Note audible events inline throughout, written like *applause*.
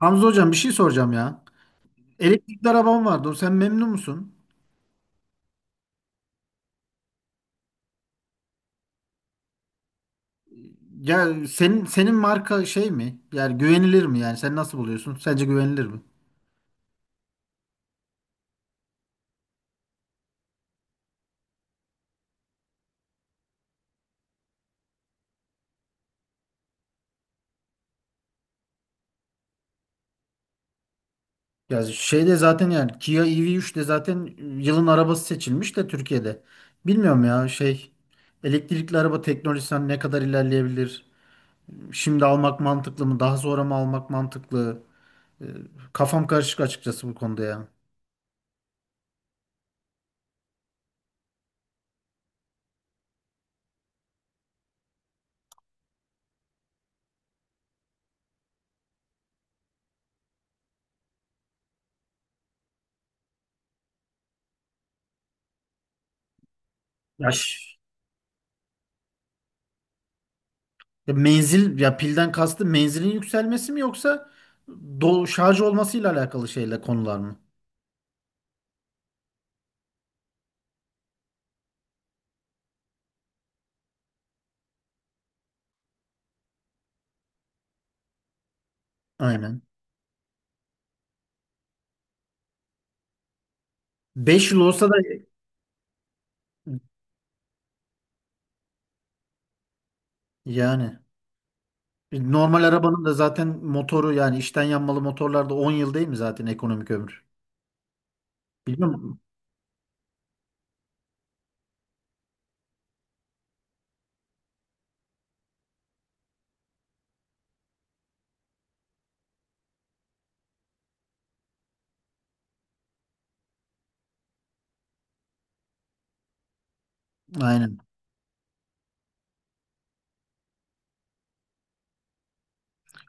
Hamza hocam bir şey soracağım ya. Elektrikli araban vardı. Sen memnun musun? Ya senin marka şey mi? Yani güvenilir mi yani? Sen nasıl buluyorsun? Sence güvenilir mi? Ya şeyde zaten yani Kia EV3 de zaten yılın arabası seçilmiş de Türkiye'de. Bilmiyorum ya şey elektrikli araba teknolojisinden ne kadar ilerleyebilir? Şimdi almak mantıklı mı? Daha sonra mı almak mantıklı? Kafam karışık açıkçası bu konuda ya. Yaş. Ya menzil ya pilden kastı menzilin yükselmesi mi yoksa şarj olmasıyla alakalı şeyler konular mı? Aynen. 5 yıl olsa da yani normal arabanın da zaten motoru yani içten yanmalı motorlarda 10 yıl değil mi zaten ekonomik ömür? Biliyor musun? Aynen.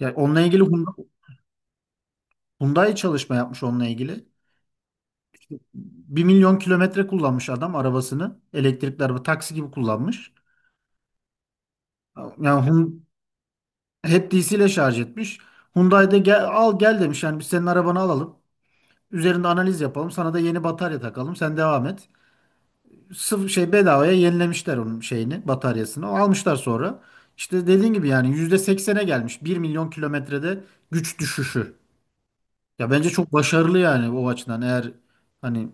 Ya onunla ilgili Hyundai çalışma yapmış onunla ilgili. 1.000.000 kilometre kullanmış adam arabasını. Elektrikli araba taksi gibi kullanmış. Yani Hyun- Hep DC ile şarj etmiş. Hyundai'de gel, al gel demiş. Yani biz senin arabanı alalım. Üzerinde analiz yapalım. Sana da yeni batarya takalım. Sen devam et. Sıfır şey bedavaya yenilemişler onun şeyini, bataryasını. O almışlar sonra. İşte dediğin gibi yani %80'e gelmiş. 1.000.000 kilometrede güç düşüşü. Ya bence çok başarılı yani o açıdan eğer hani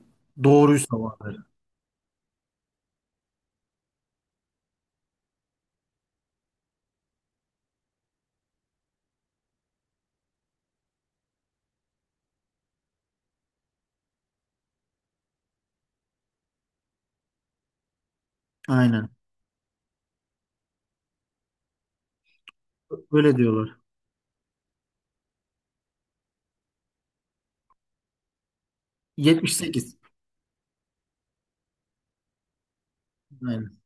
doğruysa o. Aynen. Öyle diyorlar. 78. Aynen.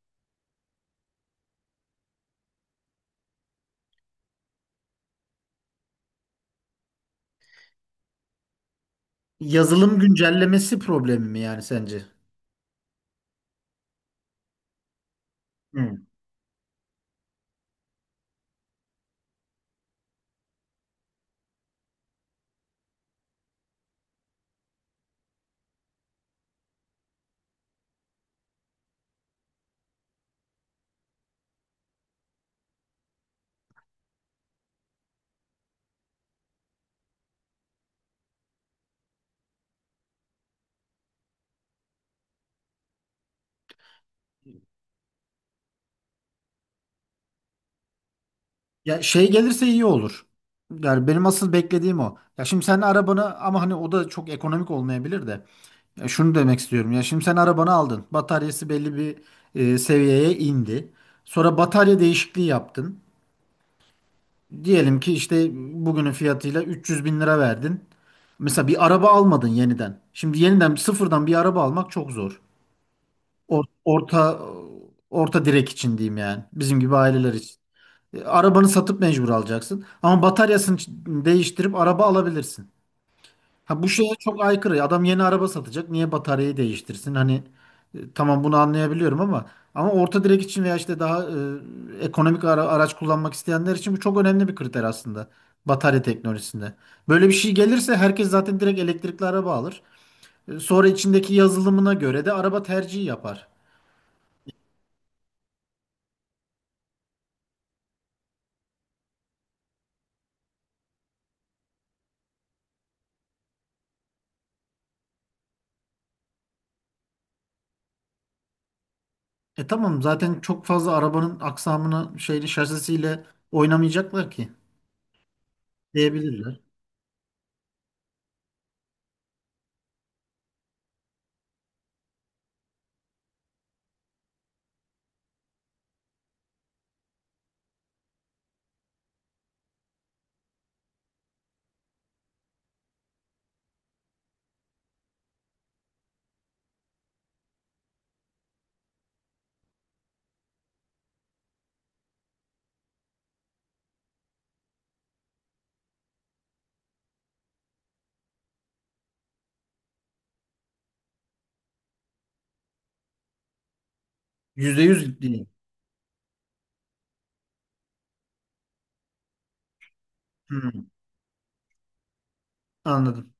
Yazılım güncellemesi problemi mi yani sence? Hı. Ya şey gelirse iyi olur. Yani benim asıl beklediğim o. Ya şimdi sen arabanı ama hani o da çok ekonomik olmayabilir de. Ya şunu demek istiyorum. Ya şimdi sen arabanı aldın. Bataryası belli bir seviyeye indi. Sonra batarya değişikliği yaptın. Diyelim ki işte bugünün fiyatıyla 300 bin lira verdin. Mesela bir araba almadın yeniden. Şimdi yeniden sıfırdan bir araba almak çok zor. Or- Orta orta direk için diyeyim yani. Bizim gibi aileler için. E, arabanı satıp mecbur alacaksın. Ama bataryasını değiştirip araba alabilirsin. Ha bu şeye çok aykırı. Adam yeni araba satacak. Niye bataryayı değiştirsin? Hani tamam bunu anlayabiliyorum ama ama orta direk için veya işte daha ekonomik araç kullanmak isteyenler için bu çok önemli bir kriter aslında. Batarya teknolojisinde. Böyle bir şey gelirse herkes zaten direkt elektrikli araba alır. E, sonra içindeki yazılımına göre de araba tercihi yapar. E tamam zaten çok fazla arabanın aksamını şeyli şasisiyle oynamayacaklar ki. Diyebilirler. %100 değil. Hmm, anladım.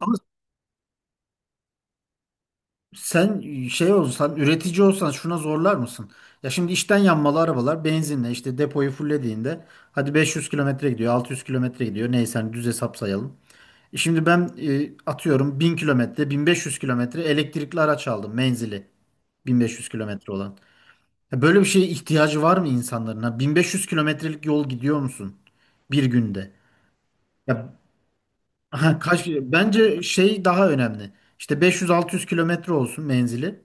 Ama sen şey olsan, üretici olsan şuna zorlar mısın? Ya şimdi içten yanmalı arabalar benzinle işte depoyu fullediğinde hadi 500 kilometre gidiyor, 600 kilometre gidiyor. Neyse hani düz hesap sayalım. E şimdi ben atıyorum 1000 kilometre, 1500 kilometre elektrikli araç aldım menzili 1500 kilometre olan. Ya böyle bir şeye ihtiyacı var mı insanların? Ha, 1500 kilometrelik yol gidiyor musun bir günde? Ya Aha, kaç bence şey daha önemli. İşte 500-600 kilometre olsun menzili.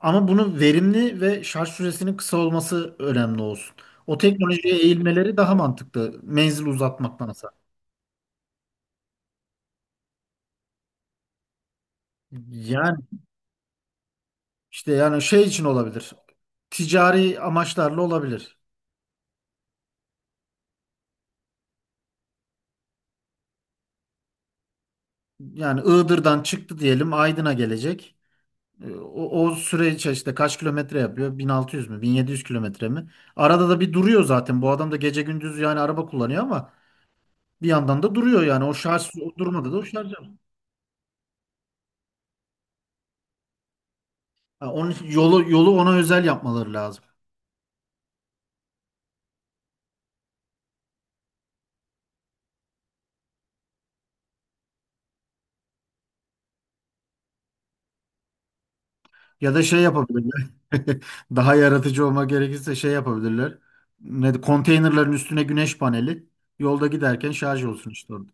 Ama bunun verimli ve şarj süresinin kısa olması önemli olsun. O teknolojiye eğilmeleri daha mantıklı. Menzil uzatmaktansa. Yani işte yani şey için olabilir. Ticari amaçlarla olabilir. Yani Iğdır'dan çıktı diyelim Aydın'a gelecek. E, o, o süre içerisinde kaç kilometre yapıyor? 1600 mü? 1700 kilometre mi? Arada da bir duruyor zaten. Bu adam da gece gündüz yani araba kullanıyor ama bir yandan da duruyor yani. O şarj durmadı da o şarj yapıyor. Ha, onun için yolu ona özel yapmaları lazım. Ya da şey yapabilirler. *laughs* Daha yaratıcı olmak gerekirse şey yapabilirler. Ne, konteynerların üstüne güneş paneli. Yolda giderken şarj olsun işte orada.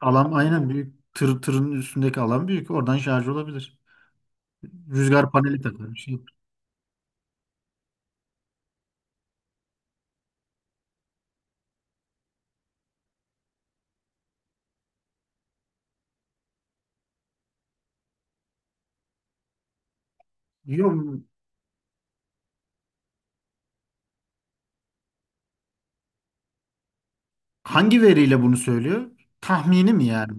Alan aynen büyük. Tır, tırın üstündeki alan büyük. Oradan şarj olabilir. Rüzgar paneli takar. Bir şey. Yok. Hangi veriyle bunu söylüyor? Tahmini mi yani?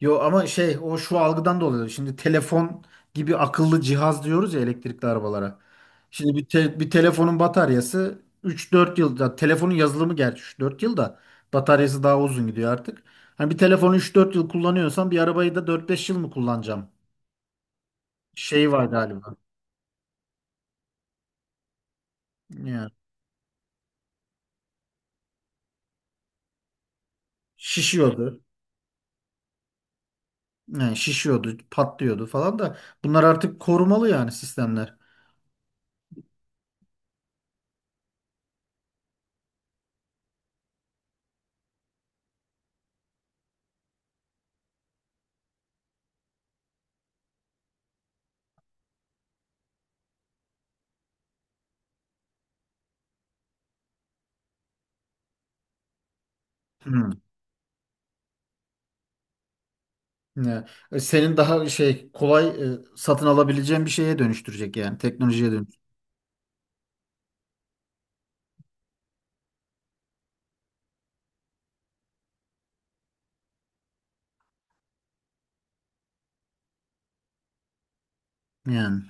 Yo ama şey o şu algıdan dolayı. Şimdi telefon gibi akıllı cihaz diyoruz ya elektrikli arabalara. Şimdi bir telefonun bataryası 3-4 yılda telefonun yazılımı gerçi 3-4 yılda bataryası daha uzun gidiyor artık. Hani bir telefonu 3-4 yıl kullanıyorsan bir arabayı da 4-5 yıl mı kullanacağım? Şey var galiba. Yani şişiyordu. Yani şişiyordu, patlıyordu falan da bunlar artık korumalı yani sistemler. Ya, senin daha şey kolay satın alabileceğin bir şeye dönüştürecek yani teknolojiye dön. Yani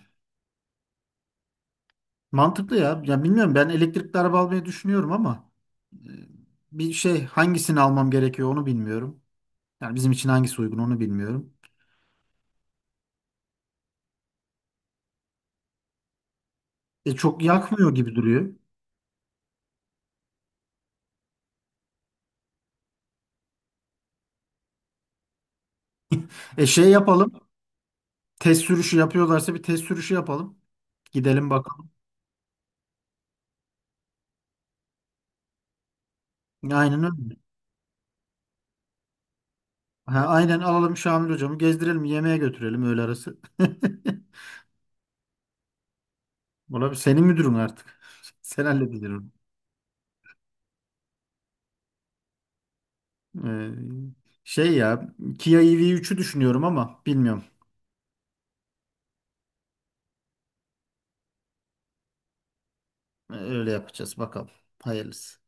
mantıklı ya. Ya bilmiyorum ben elektrikli araba almayı düşünüyorum ama e, bir şey hangisini almam gerekiyor onu bilmiyorum. Yani bizim için hangisi uygun onu bilmiyorum. E çok yakmıyor gibi duruyor. E şey yapalım. Test sürüşü yapıyorlarsa bir test sürüşü yapalım. Gidelim bakalım. Aynen öyle. Ha, aynen alalım Şamil hocamı gezdirelim yemeğe götürelim öğle arası. *laughs* Buna bir senin müdürün artık. *laughs* Sen halledin onu. Ee, Şey ya Kia EV3'ü düşünüyorum ama bilmiyorum. Öyle yapacağız bakalım. Hayırlısı.